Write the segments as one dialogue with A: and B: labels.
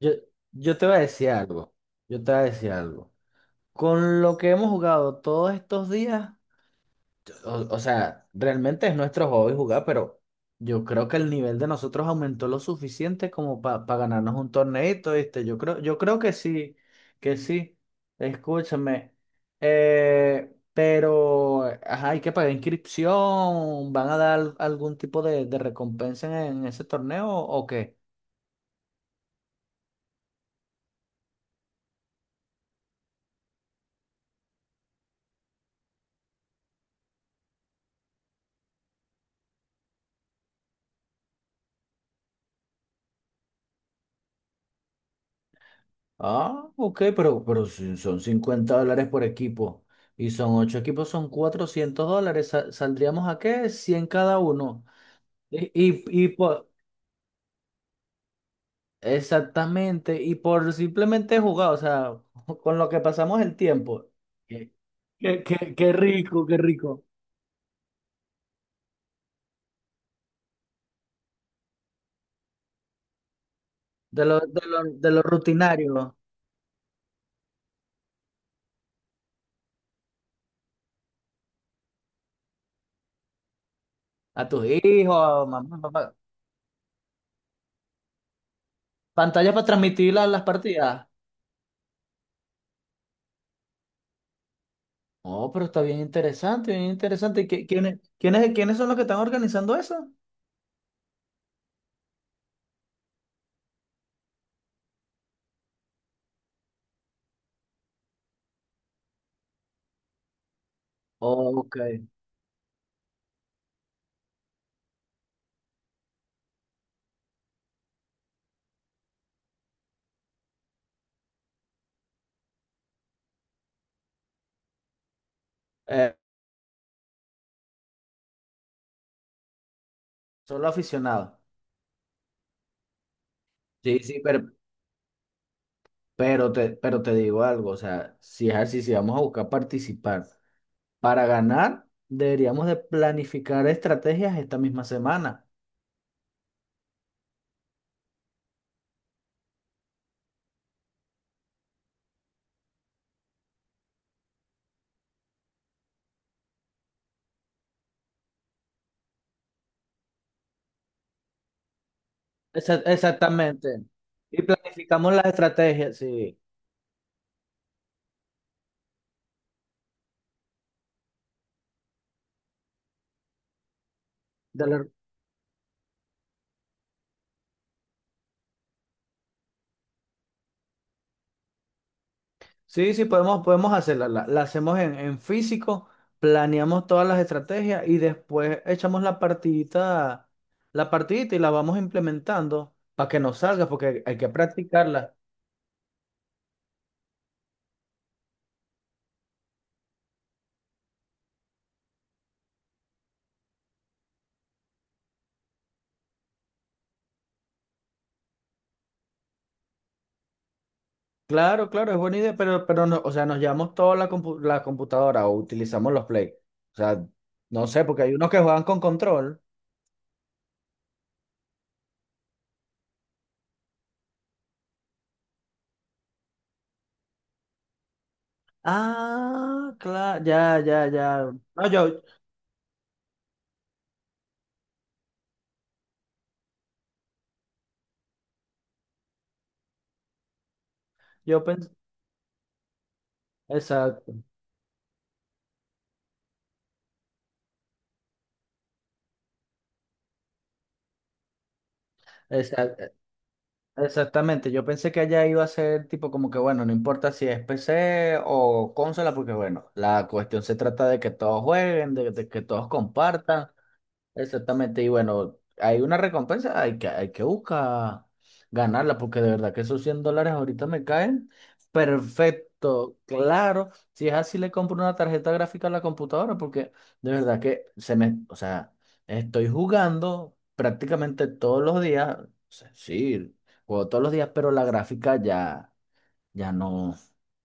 A: Yo, yo te voy a decir algo, yo te voy a decir algo. Con lo que hemos jugado todos estos días, o sea, realmente es nuestro hobby jugar, pero yo creo que el nivel de nosotros aumentó lo suficiente como para ganarnos un torneito, ¿viste? Yo creo que sí, que sí. Escúchame. Pero, ajá, hay que pagar inscripción, ¿van a dar algún tipo de recompensa en ese torneo o qué? Ah, ok, pero si son $50 por equipo y son 8 equipos, son $400. Sa- ¿Saldríamos a qué? Cien cada uno. Y exactamente, y por simplemente jugar, o sea, con lo que pasamos el tiempo, eh, qué, qué, qué rico, qué rico. De lo rutinario, a tus hijos, a mamá, papá. Pantallas para transmitir la- las partidas. Oh, pero está bien interesante, bien interesante. ¿Y qué- quiénes, quiénes, quiénes son los que están organizando eso? Ok. Eh, solo aficionado. Sí, sí, pero te digo algo, o sea, si es así, si vamos a buscar participar para ganar, deberíamos de planificar estrategias esta misma semana. Exa- exactamente. Y planificamos las estrategias, sí. De la- sí, sí, podemos, podemos hacerla. La hacemos en físico, planeamos todas las estrategias y después echamos la partidita y la vamos implementando para que nos salga, porque hay que practicarla. Claro, claro, es buena idea, pero no, o sea, nos llevamos toda compu- la computadora o utilizamos los Play. O sea, no sé, porque hay unos que juegan con control. Ah, claro, ya, ya, ya. No, yo pensé, exacto, exacto, exactamente. Yo pensé que allá iba a ser tipo como que, bueno, no importa si es PC o consola, porque bueno, la cuestión se trata de que todos jueguen, de que todos compartan. Exactamente, y bueno, hay una recompensa, hay que buscar ganarla, porque de verdad que esos $100 ahorita me caen. Perfecto, claro. Si es así, le compro una tarjeta gráfica a la computadora, porque de verdad que se me, o sea, estoy jugando prácticamente todos los días. O sea, sí, juego todos los días, pero la gráfica ya. Ya no,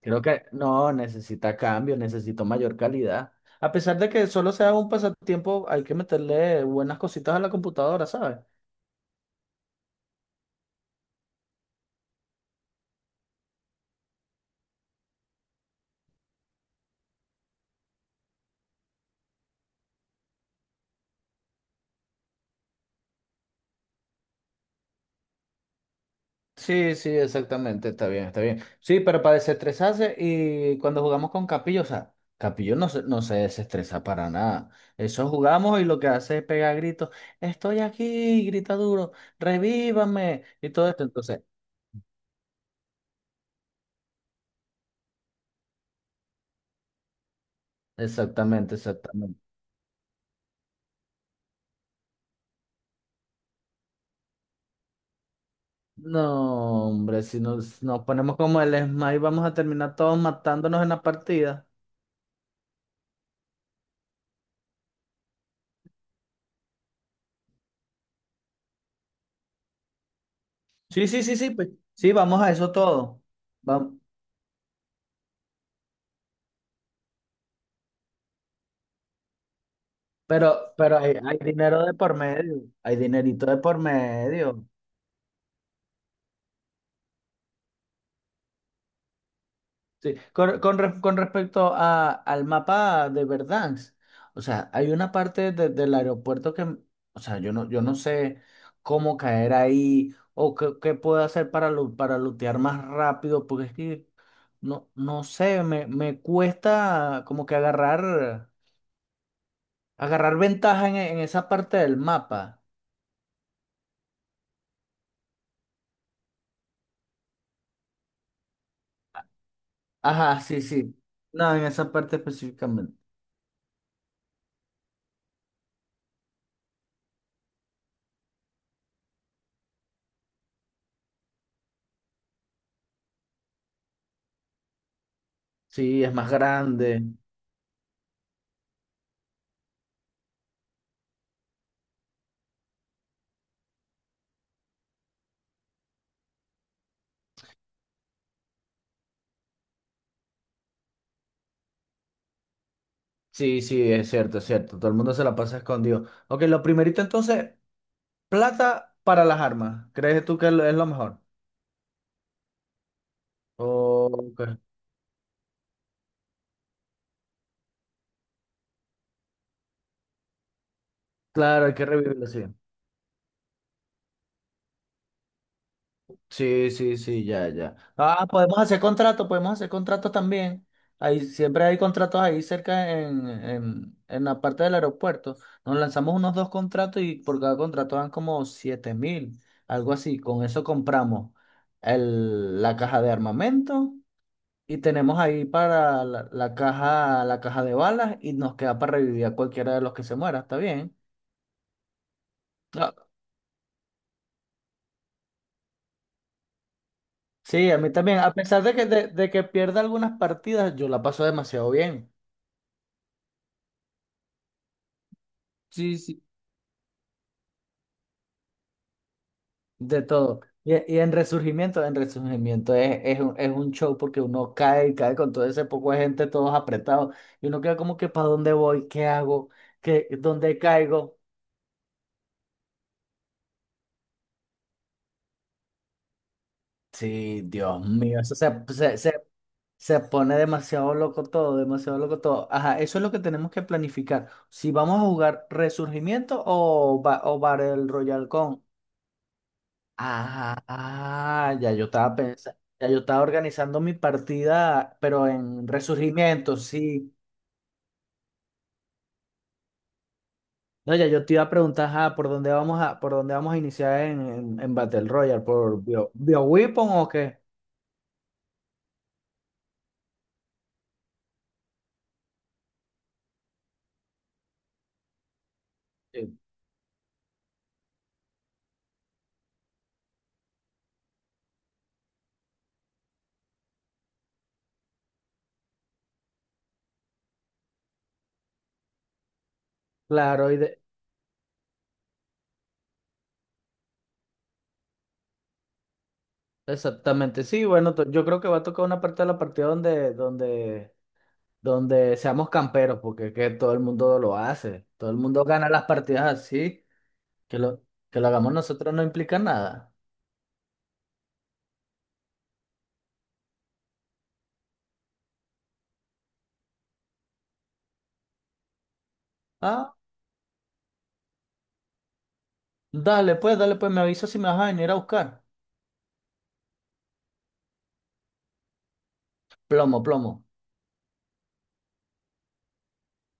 A: creo que no, necesita cambio, necesito mayor calidad. A pesar de que solo sea un pasatiempo, hay que meterle buenas cositas a la computadora, ¿sabes? Sí, sí, exactamente, está bien, está bien. Sí, pero para desestresarse y cuando jugamos con Capillo, o sea, Capillo no se, no se desestresa para nada. Eso jugamos y lo que hace es pegar gritos, estoy aquí, grita duro, revívame y todo esto. Entonces, exactamente, exactamente. No, hombre, si nos, nos ponemos como el Esma y vamos a terminar todos matándonos en la partida. Sí, sí, sí, sí, pues. Sí, vamos a eso todo. Vam- pero hay dinero de por medio. Hay dinerito de por medio. Sí, con re- con respecto al mapa de Verdansk, o sea, hay una parte de- del aeropuerto que, o sea, yo no, yo no sé cómo caer ahí o qué, qué puedo hacer para, lu- para lootear más rápido, porque es que no, no sé, me cuesta como que agarrar, agarrar ventaja en esa parte del mapa. Ajá, sí, sí. No, en esa parte específicamente. Sí, es más grande. Sí, sí, es cierto, es cierto. Todo el mundo se la pasa escondido. Ok, lo primerito entonces, plata para las armas. ¿Crees tú que es lo mejor? Ok. Claro, hay que revivirlo, sí. Sí, sí, sí, ya, ya. Ah, podemos hacer contrato, podemos hacer contratos también. Ahí, siempre hay contratos ahí cerca en, la parte del aeropuerto. Nos lanzamos unos dos contratos y por cada contrato dan como 7.000, algo así. Con eso compramos la caja de armamento. Y tenemos ahí para la caja, la caja de balas y nos queda para revivir a cualquiera de los que se muera, ¿está bien? Ah, sí, a mí también. A pesar de que, de que pierda algunas partidas, yo la paso demasiado bien. Sí, sí. De todo. Y en Resurgimiento es un show porque uno cae y cae con todo ese poco de gente, todos apretados, y uno queda como que, ¿para dónde voy? ¿Qué hago? ¿Qué, dónde caigo? Sí, Dios mío, eso se, se, se, se pone demasiado loco todo, demasiado loco todo. Ajá, eso es lo que tenemos que planificar. Si vamos a jugar Resurgimiento o, ba- o Battle Royale con. Ah, ah, ya yo estaba pensando, ya yo estaba organizando mi partida, pero en Resurgimiento, sí. No, ya yo te iba a preguntar, ajá, ¿por dónde vamos a, por dónde vamos a iniciar en, Battle Royale? ¿Por Bio, BioWeapon o qué? Sí. Claro, exactamente, sí, bueno, to- yo creo que va a tocar una parte de la partida donde, donde, donde seamos camperos, porque es que todo el mundo lo hace, todo el mundo gana las partidas así, que lo, que lo hagamos nosotros no implica nada. Ah, dale pues, me avisas si me vas a venir a buscar. Plomo, plomo.